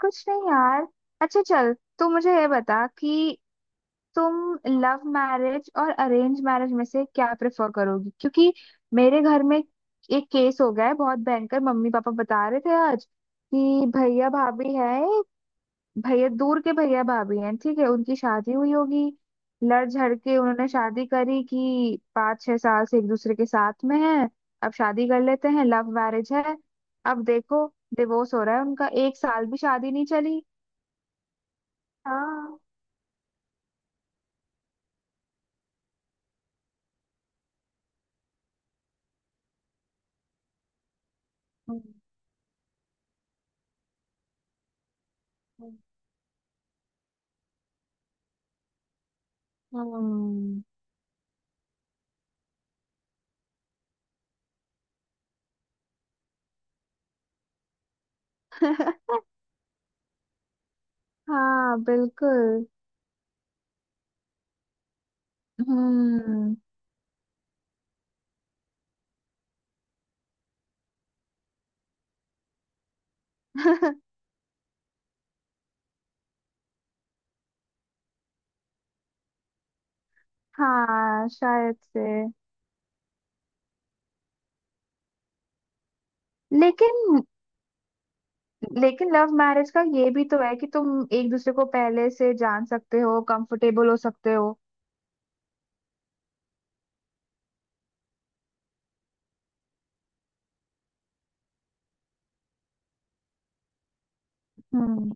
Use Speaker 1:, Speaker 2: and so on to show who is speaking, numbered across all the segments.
Speaker 1: कुछ नहीं यार। अच्छा चल, तो मुझे ये बता कि तुम लव मैरिज और अरेंज मैरिज में से क्या प्रेफर करोगी क्योंकि मेरे घर में एक केस हो गया है बहुत भयंकर। मम्मी पापा बता रहे थे आज कि भैया भाभी है। भैया दूर के भैया भाभी हैं, ठीक है। उनकी शादी हुई होगी, लड़ झड़ के उन्होंने शादी करी कि 5-6 साल से एक दूसरे के साथ में हैं। अब शादी कर लेते हैं, लव मैरिज है। अब देखो, डिवोर्स हो रहा है उनका, एक साल भी शादी नहीं चली। हाँ। हम्म। हम्म। हाँ बिल्कुल। हम्म। हाँ शायद से। लेकिन लेकिन लव मैरिज का ये भी तो है कि तुम एक दूसरे को पहले से जान सकते हो, कंफर्टेबल हो सकते हो। हम्म।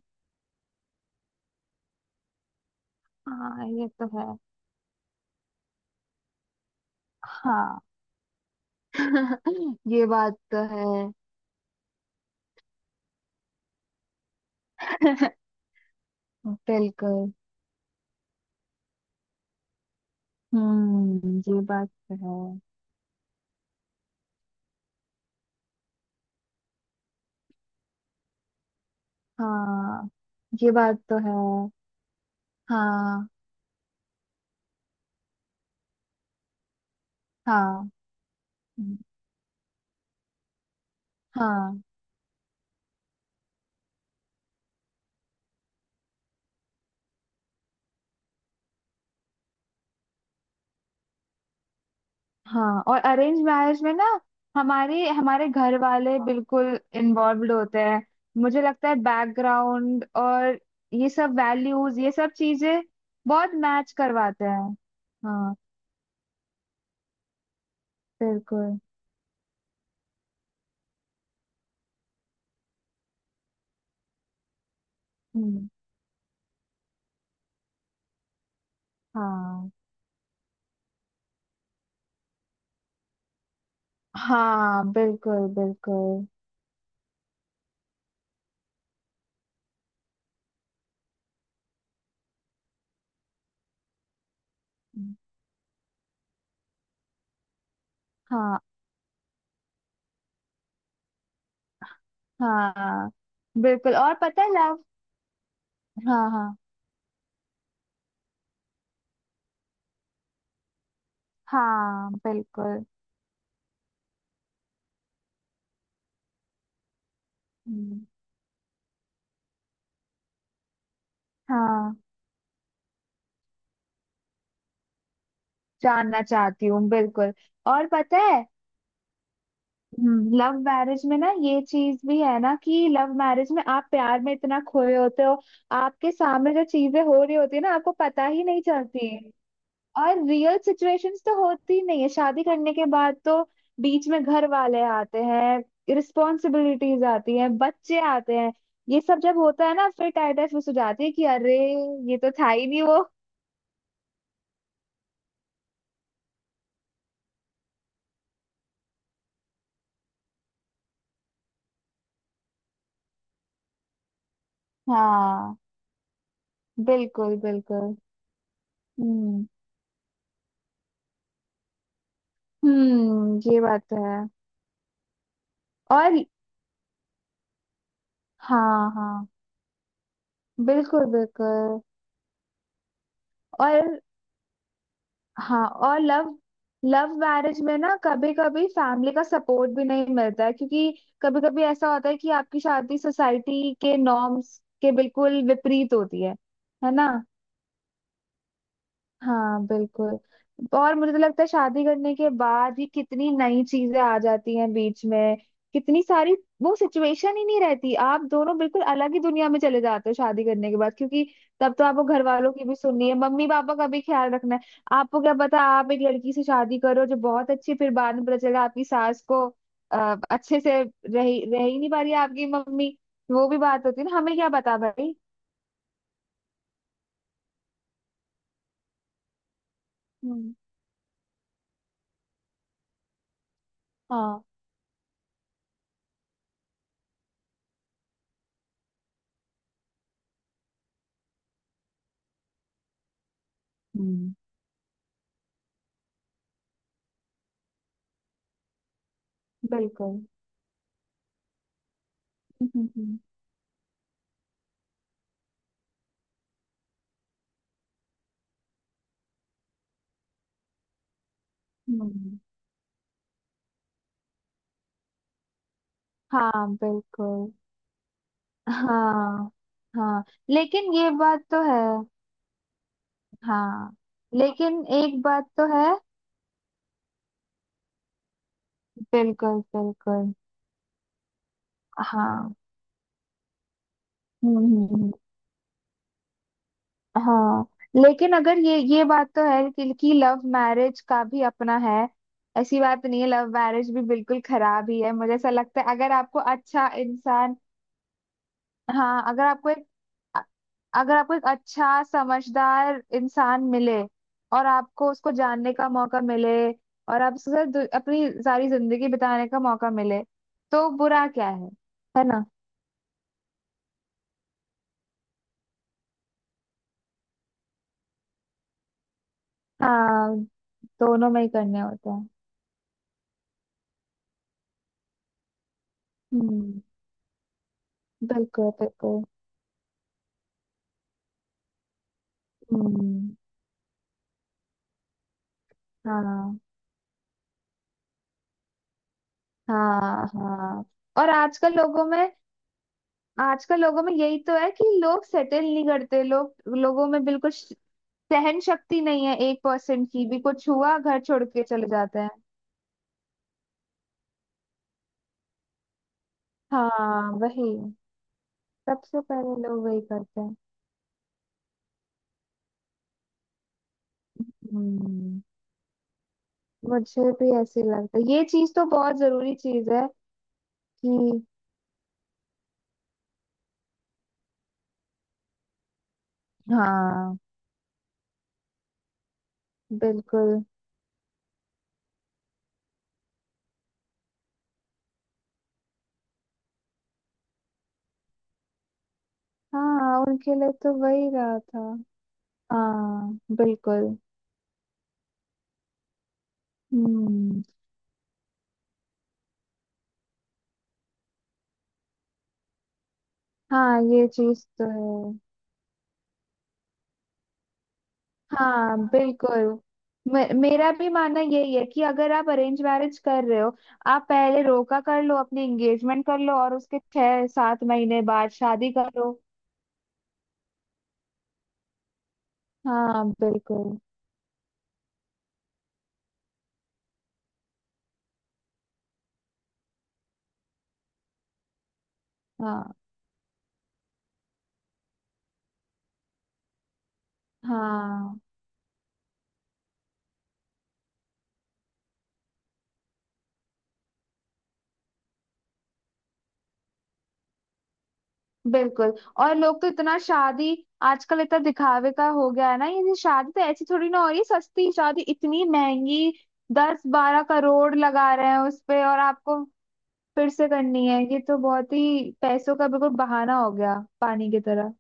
Speaker 1: हाँ ये तो है। हाँ। ये बात तो है। बिल्कुल। ये बात तो है। हाँ ये बात तो है। हाँ, हाँ, हाँ, हाँ। और अरेंज मैरिज में ना हमारे हमारे घर वाले बिल्कुल इन्वॉल्व्ड होते हैं। मुझे लगता है बैकग्राउंड और ये सब वैल्यूज ये सब चीजें बहुत मैच करवाते हैं। हाँ बिल्कुल। हम्म। हाँ, हाँ बिल्कुल बिल्कुल। हाँ, हाँ बिल्कुल। और पता है लव। हाँ, हाँ। हाँ बिल्कुल। हम्म। हाँ जानना चाहती हूँ बिल्कुल। और पता है लव मैरिज में ना ये चीज भी है ना कि लव मैरिज में आप प्यार में इतना खोए होते हो, आपके सामने जो चीजें हो रही होती है ना आपको पता ही नहीं चलती। और रियल सिचुएशंस तो होती ही नहीं है शादी करने के बाद तो। बीच में घर वाले आते हैं, रिस्पॉन्सिबिलिटीज आती हैं, बच्चे आते हैं। ये सब जब होता है ना फिर टाइटस हो जाती है कि अरे ये तो था ही नहीं वो। हाँ बिल्कुल बिल्कुल। हम्म। ये बात तो है। और। हाँ, हाँ बिल्कुल बिल्कुल। और। हाँ। और लव लव मैरिज में ना कभी कभी फैमिली का सपोर्ट भी नहीं मिलता है क्योंकि कभी कभी ऐसा होता है कि आपकी शादी सोसाइटी के नॉर्म्स के बिल्कुल विपरीत होती है ना। हाँ बिल्कुल। और मुझे तो लगता है शादी करने के बाद ही कितनी नई चीजें आ जाती हैं बीच में, कितनी सारी। वो सिचुएशन ही नहीं रहती, आप दोनों बिल्कुल अलग ही दुनिया में चले जाते हो शादी करने के बाद क्योंकि तब तो आपको घर वालों की भी सुननी है, मम्मी पापा का भी ख्याल रखना है। आपको क्या पता, आप एक लड़की से शादी करो जो बहुत अच्छी है, फिर बाद में पता चला आपकी सास को अच्छे से रही रह ही नहीं पा रही है आपकी मम्मी। वो भी बात होती है ना, हमें क्या पता भाई। हम्म। हाँ। हम्म। बिल्कुल। हम्म। हाँ बिल्कुल। हाँ, हाँ। लेकिन ये बात तो है। हाँ। लेकिन एक बात तो है, बिल्कुल बिल्कुल। हाँ। हम्म। हम्म। हम्म। हाँ। लेकिन अगर ये बात तो है कि लव मैरिज का भी अपना है। ऐसी बात नहीं है लव मैरिज भी बिल्कुल खराब ही है, मुझे ऐसा लगता है अगर आपको अच्छा इंसान। हाँ अगर आपको, अगर आपको एक अच्छा समझदार इंसान मिले, और आपको उसको जानने का मौका मिले, और आप उसके साथ अपनी सारी जिंदगी बिताने का मौका मिले, तो बुरा क्या है ना। हाँ। दोनों में ही करने होते हैं। हम्म। बिल्कुल बिल्कुल। हम्म। हाँ, हाँ, हाँ। और आजकल लोगों में, आजकल लोगों में यही तो है कि लोग सेटल नहीं करते, लोग लोगों में बिल्कुल सहन शक्ति नहीं है 1% की भी, कुछ हुआ घर छोड़ के चले जाते हैं। हाँ वही, सबसे पहले लोग वही करते हैं। हम्म। मुझे भी ऐसे ही लगता है, ये चीज तो बहुत जरूरी चीज है। कि हाँ बिल्कुल। हाँ उनके लिए तो वही रहा था। हाँ बिल्कुल। हम्म। हाँ ये चीज तो है। हाँ बिल्कुल। मेरा भी मानना यही है कि अगर आप अरेंज मैरिज कर रहे हो, आप पहले रोका कर लो, अपनी एंगेजमेंट कर लो और उसके 6-7 महीने बाद शादी करो। हाँ बिल्कुल। हाँ, हाँ बिल्कुल। और लोग तो इतना शादी, आजकल इतना दिखावे का हो गया है ना ये शादी तो, ऐसी थोड़ी ना हो रही है सस्ती शादी, इतनी महंगी, 10-12 करोड़ लगा रहे हैं उस पे और आपको फिर से करनी है, ये तो बहुत ही पैसों का बिल्कुल बहाना हो गया, पानी की तरह।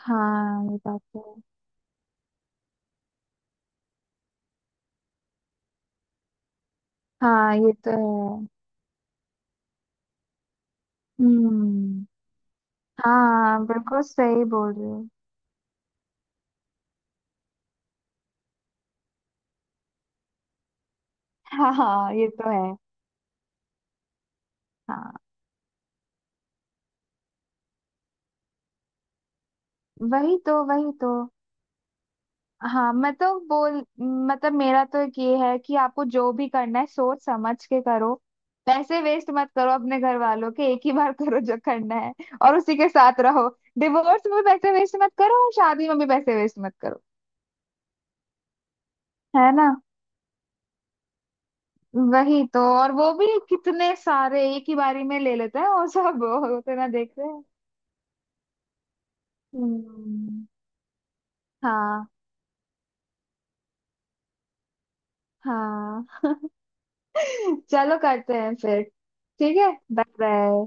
Speaker 1: हाँ ये बात तो है। हाँ ये तो है। हम्म। हाँ बिल्कुल सही बोल रहे हो। हाँ, हाँ ये तो है। हाँ वही तो, वही तो। हाँ मैं तो बोल, मतलब मेरा तो एक ये है कि आपको जो भी करना है सोच समझ के करो, पैसे वेस्ट मत करो अपने घर वालों के, एक ही बार करो जो करना है और उसी के साथ रहो। डिवोर्स में पैसे वेस्ट मत करो और शादी में भी पैसे वेस्ट मत करो। है ना। वही तो, और वो भी कितने सारे एक ही बारी में ले लेते हैं और सब होते ना देख रहे हैं। हम्म। हाँ, हाँ। चलो करते हैं फिर। ठीक है, बाय बाय।